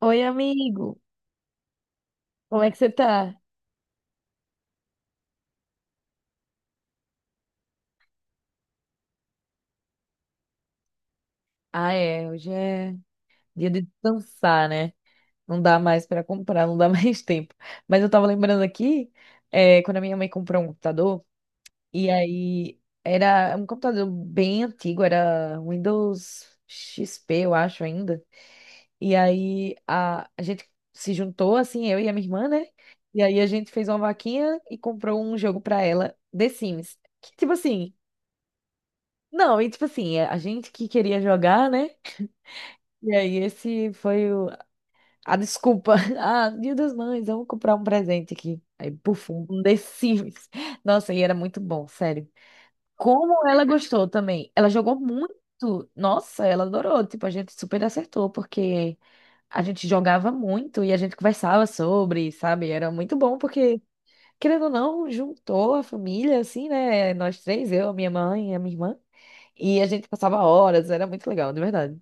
Oi, amigo. Como é que você tá? Ah, é. Hoje é dia de descansar, né? Não dá mais pra comprar, não dá mais tempo. Mas eu tava lembrando aqui, quando a minha mãe comprou um computador, e aí era um computador bem antigo, era Windows XP, eu acho ainda. E aí a gente se juntou, assim, eu e a minha irmã, né? E aí a gente fez uma vaquinha e comprou um jogo pra ela, The Sims. Que, tipo assim. Não, e tipo assim, a gente que queria jogar, né? E aí, a desculpa. Ah, Dia das Mães, vamos comprar um presente aqui. Aí, puf, um The Sims. Nossa, e era muito bom, sério. Como ela gostou também. Ela jogou muito. Nossa, ela adorou. Tipo, a gente super acertou, porque a gente jogava muito e a gente conversava sobre, sabe? Era muito bom, porque, querendo ou não, juntou a família, assim, né? Nós três, eu, a minha mãe e a minha irmã. E a gente passava horas, era muito legal, de verdade.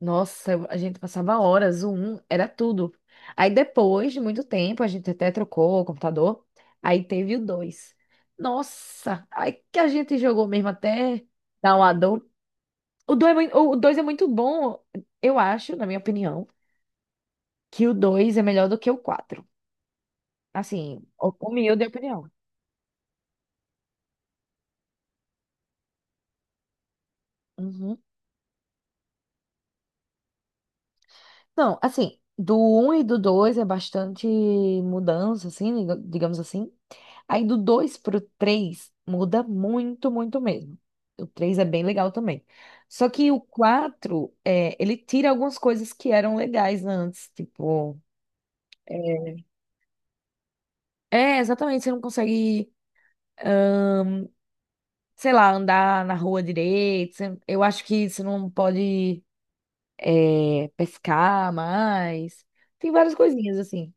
Nossa, a gente passava horas, o um era tudo. Aí depois de muito tempo, a gente até trocou o computador, aí teve o dois. Nossa, aí que a gente jogou mesmo até dar uma dor. O dois é muito bom, eu acho, na minha opinião, que o dois é melhor do que o quatro. Assim, humilde opinião. Não, assim, do um e do 2 é bastante mudança, assim, digamos assim. Aí do 2 pro 3 muda muito, muito mesmo. O 3 é bem legal também. Só que o 4 é, ele tira algumas coisas que eram legais antes, tipo. É, exatamente, você não consegue, sei lá, andar na rua direito. Eu acho que você não pode, pescar mais. Tem várias coisinhas, assim.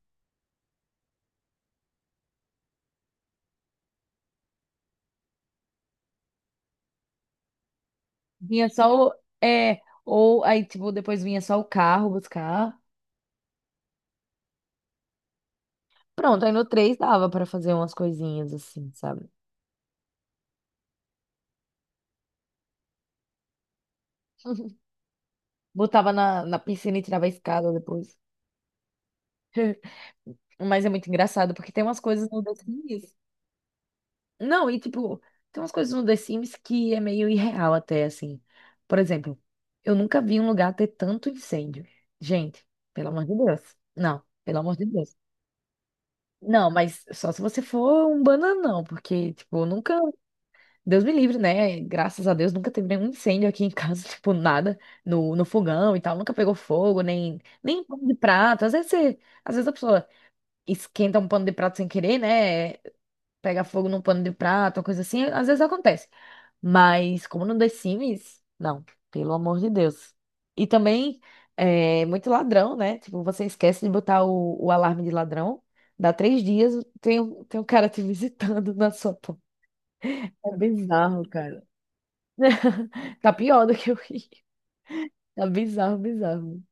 Vinha só o. É, ou aí, tipo, depois vinha só o carro buscar. Pronto, aí no 3 dava pra fazer umas coisinhas assim, sabe? Botava na piscina e tirava a escada depois. Mas é muito engraçado, porque tem umas coisas no The Sims. Não, e tipo, tem umas coisas no The Sims que é meio irreal até, assim. Por exemplo, eu nunca vi um lugar ter tanto incêndio. Gente, pelo amor de Deus. Não, pelo amor de Deus. Não, mas só se você for um bananão, porque, tipo, nunca. Deus me livre, né? Graças a Deus nunca teve nenhum incêndio aqui em casa, tipo, nada no fogão e tal, nunca pegou fogo, nem pano de prato. Às vezes você, às vezes a pessoa esquenta um pano de prato sem querer, né? Pega fogo num pano de prato, uma coisa assim, às vezes acontece. Mas como no The Sims, não, pelo amor de Deus. E também é muito ladrão, né? Tipo, você esquece de botar o alarme de ladrão, dá 3 dias, tem um cara te visitando na sua porta. É bizarro, cara. Tá pior do que o Rio. Tá bizarro, bizarro.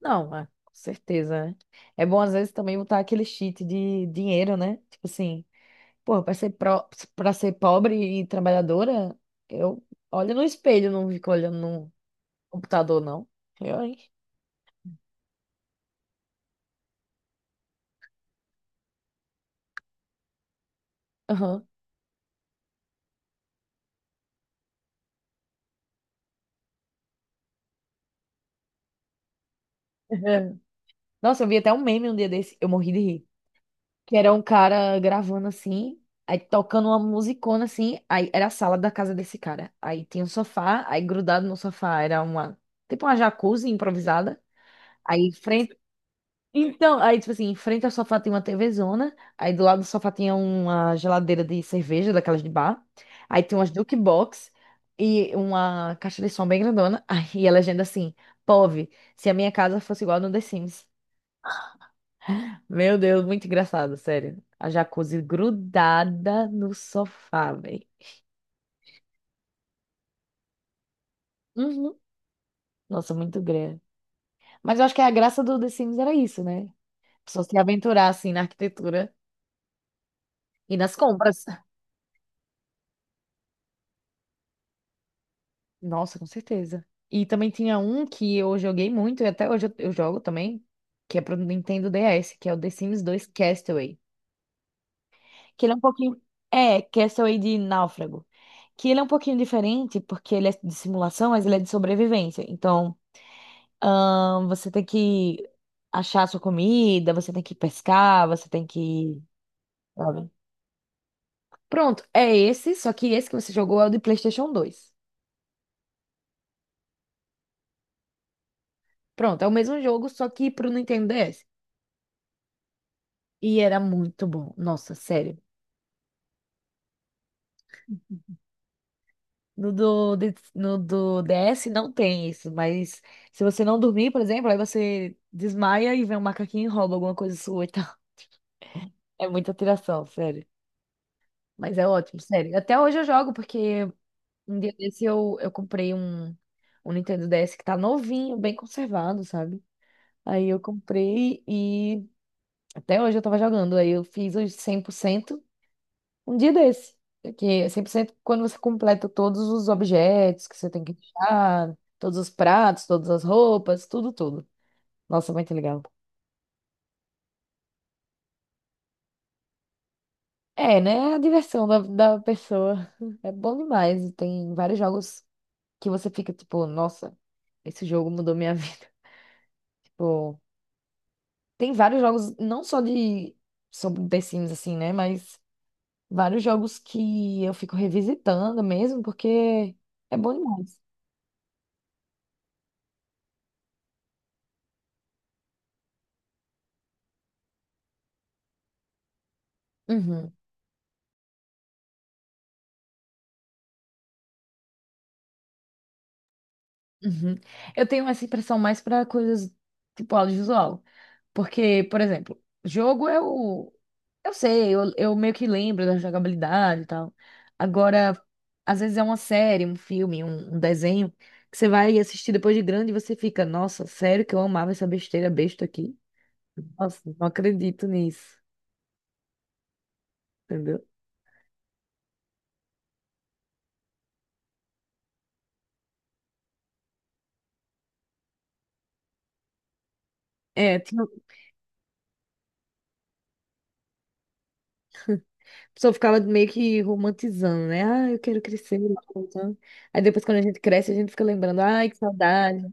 Não, é, com certeza, né? É bom, às vezes, também botar aquele cheat de dinheiro, né? Tipo assim, porra, pra ser, pro... pra ser pobre e trabalhadora, eu olho no espelho, não fico olhando no computador, não. Eu, hein? Aham. Nossa, eu vi até um meme um dia desse, eu morri de rir. Que era um cara gravando assim, aí tocando uma musicona assim, aí era a sala da casa desse cara. Aí tinha um sofá, aí grudado no sofá era uma, tipo uma jacuzzi improvisada. Aí em frente, então, aí tipo assim, em frente ao sofá tinha uma TVzona, aí do lado do sofá tinha uma geladeira de cerveja, daquelas de bar. Aí tinha umas jukebox e uma caixa de som bem grandona. Aí a legenda assim, POV, se a minha casa fosse igual a no The Sims. Meu Deus, muito engraçado, sério. A jacuzzi grudada no sofá, velho. Uhum. Nossa, muito grande. Mas eu acho que a graça do The Sims era isso, né? A pessoa se aventurar, assim, na arquitetura e nas compras. Nossa, com certeza. E também tinha um que eu joguei muito, e até hoje eu jogo também, que é pro Nintendo DS, que é o The Sims 2 Castaway. Que ele é um pouquinho... É, Castaway de Náufrago. Que ele é um pouquinho diferente, porque ele é de simulação, mas ele é de sobrevivência. Então... você tem que achar a sua comida, você tem que pescar, você tem que. Sabe? Pronto, é esse, só que esse que você jogou é o de PlayStation 2. Pronto, é o mesmo jogo, só que pro Nintendo DS. E era muito bom, nossa, sério. No do DS não tem isso, mas se você não dormir, por exemplo, aí você desmaia e vem um macaquinho e rouba alguma coisa sua e tal. É muita tiração, sério. Mas é ótimo, sério. Até hoje eu jogo, porque um dia desse eu comprei um Nintendo DS que tá novinho, bem conservado, sabe? Aí eu comprei e até hoje eu tava jogando. Aí eu fiz os 100% um dia desse. Que é 100% quando você completa todos os objetos que você tem que achar, todos os pratos, todas as roupas, tudo, tudo. Nossa, muito legal. É, né? A diversão da pessoa é bom demais. E tem vários jogos que você fica tipo, nossa, esse jogo mudou minha vida. Tipo. Tem vários jogos, não só de sobre The Sims, assim, né? Mas vários jogos que eu fico revisitando mesmo, porque é bom demais. Uhum, uhum. Eu tenho essa impressão mais para coisas tipo audiovisual. Porque, por exemplo, jogo eu sei, eu meio que lembro da jogabilidade e tal. Agora, às vezes é uma série, um filme, um desenho, que você vai assistir depois de grande e você fica, nossa, sério que eu amava essa besteira besta aqui. Nossa, não acredito nisso, entendeu? É, tinha... a pessoa ficava meio que romantizando, né? Ah, eu quero crescer. Então, aí depois, quando a gente cresce, a gente fica lembrando, ai, que saudade.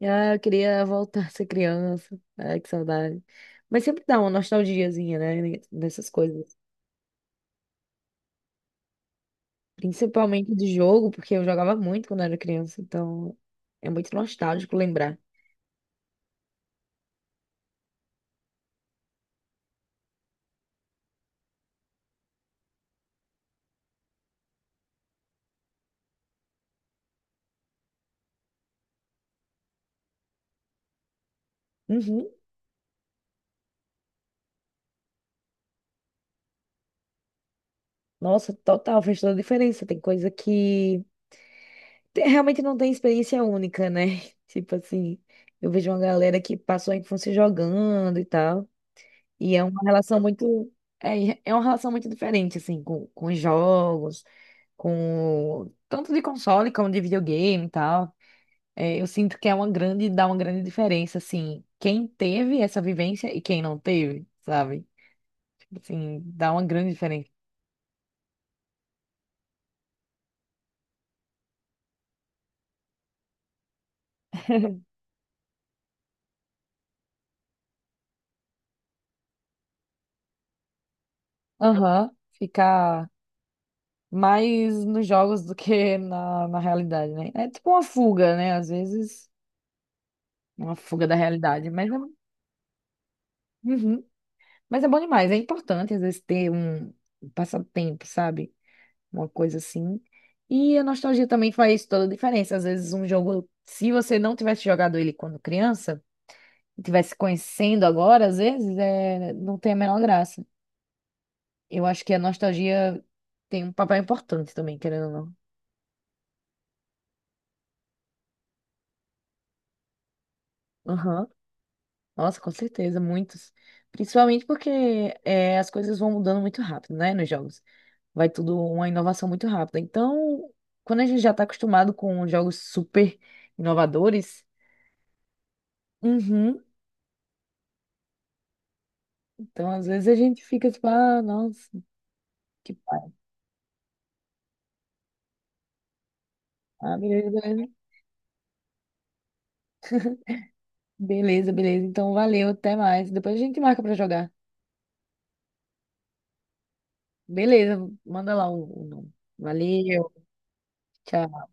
Ah, eu queria voltar a ser criança. Ai, que saudade. Mas sempre dá uma nostalgiazinha, né? Dessas coisas. Principalmente de jogo, porque eu jogava muito quando era criança, então é muito nostálgico lembrar. Uhum. Nossa, total, fez toda a diferença. Tem coisa que realmente não tem experiência única, né? Tipo assim, eu vejo uma galera que passou a infância jogando e tal. E é uma relação muito. É, é uma relação muito diferente, assim, com os jogos, com. Tanto de console como de videogame e tal. É, eu sinto que é uma grande, dá uma grande diferença, assim, quem teve essa vivência e quem não teve, sabe? Tipo assim, dá uma grande diferença. Aham, ficar mais nos jogos do que na realidade, né? É tipo uma fuga, né? Às vezes, uma fuga da realidade, mas é, uhum. Mas é bom demais. É importante, às vezes, ter um passatempo, sabe? Uma coisa assim. E a nostalgia também faz toda a diferença. Às vezes, um jogo, se você não tivesse jogado ele quando criança, e tivesse conhecendo agora, às vezes, não tem a menor graça. Eu acho que a nostalgia tem um papel importante também, querendo ou não. Aham. Nossa, com certeza, muitos. Principalmente porque é, as coisas vão mudando muito rápido, né, nos jogos. Vai tudo uma inovação muito rápida. Então, quando a gente já tá acostumado com jogos super inovadores, uhum, então às vezes a gente fica tipo, ah, nossa, que pai. Ah, beleza, beleza. Beleza, beleza. Então, valeu, até mais. Depois a gente marca pra jogar. Beleza, manda lá o nome. Valeu, tchau.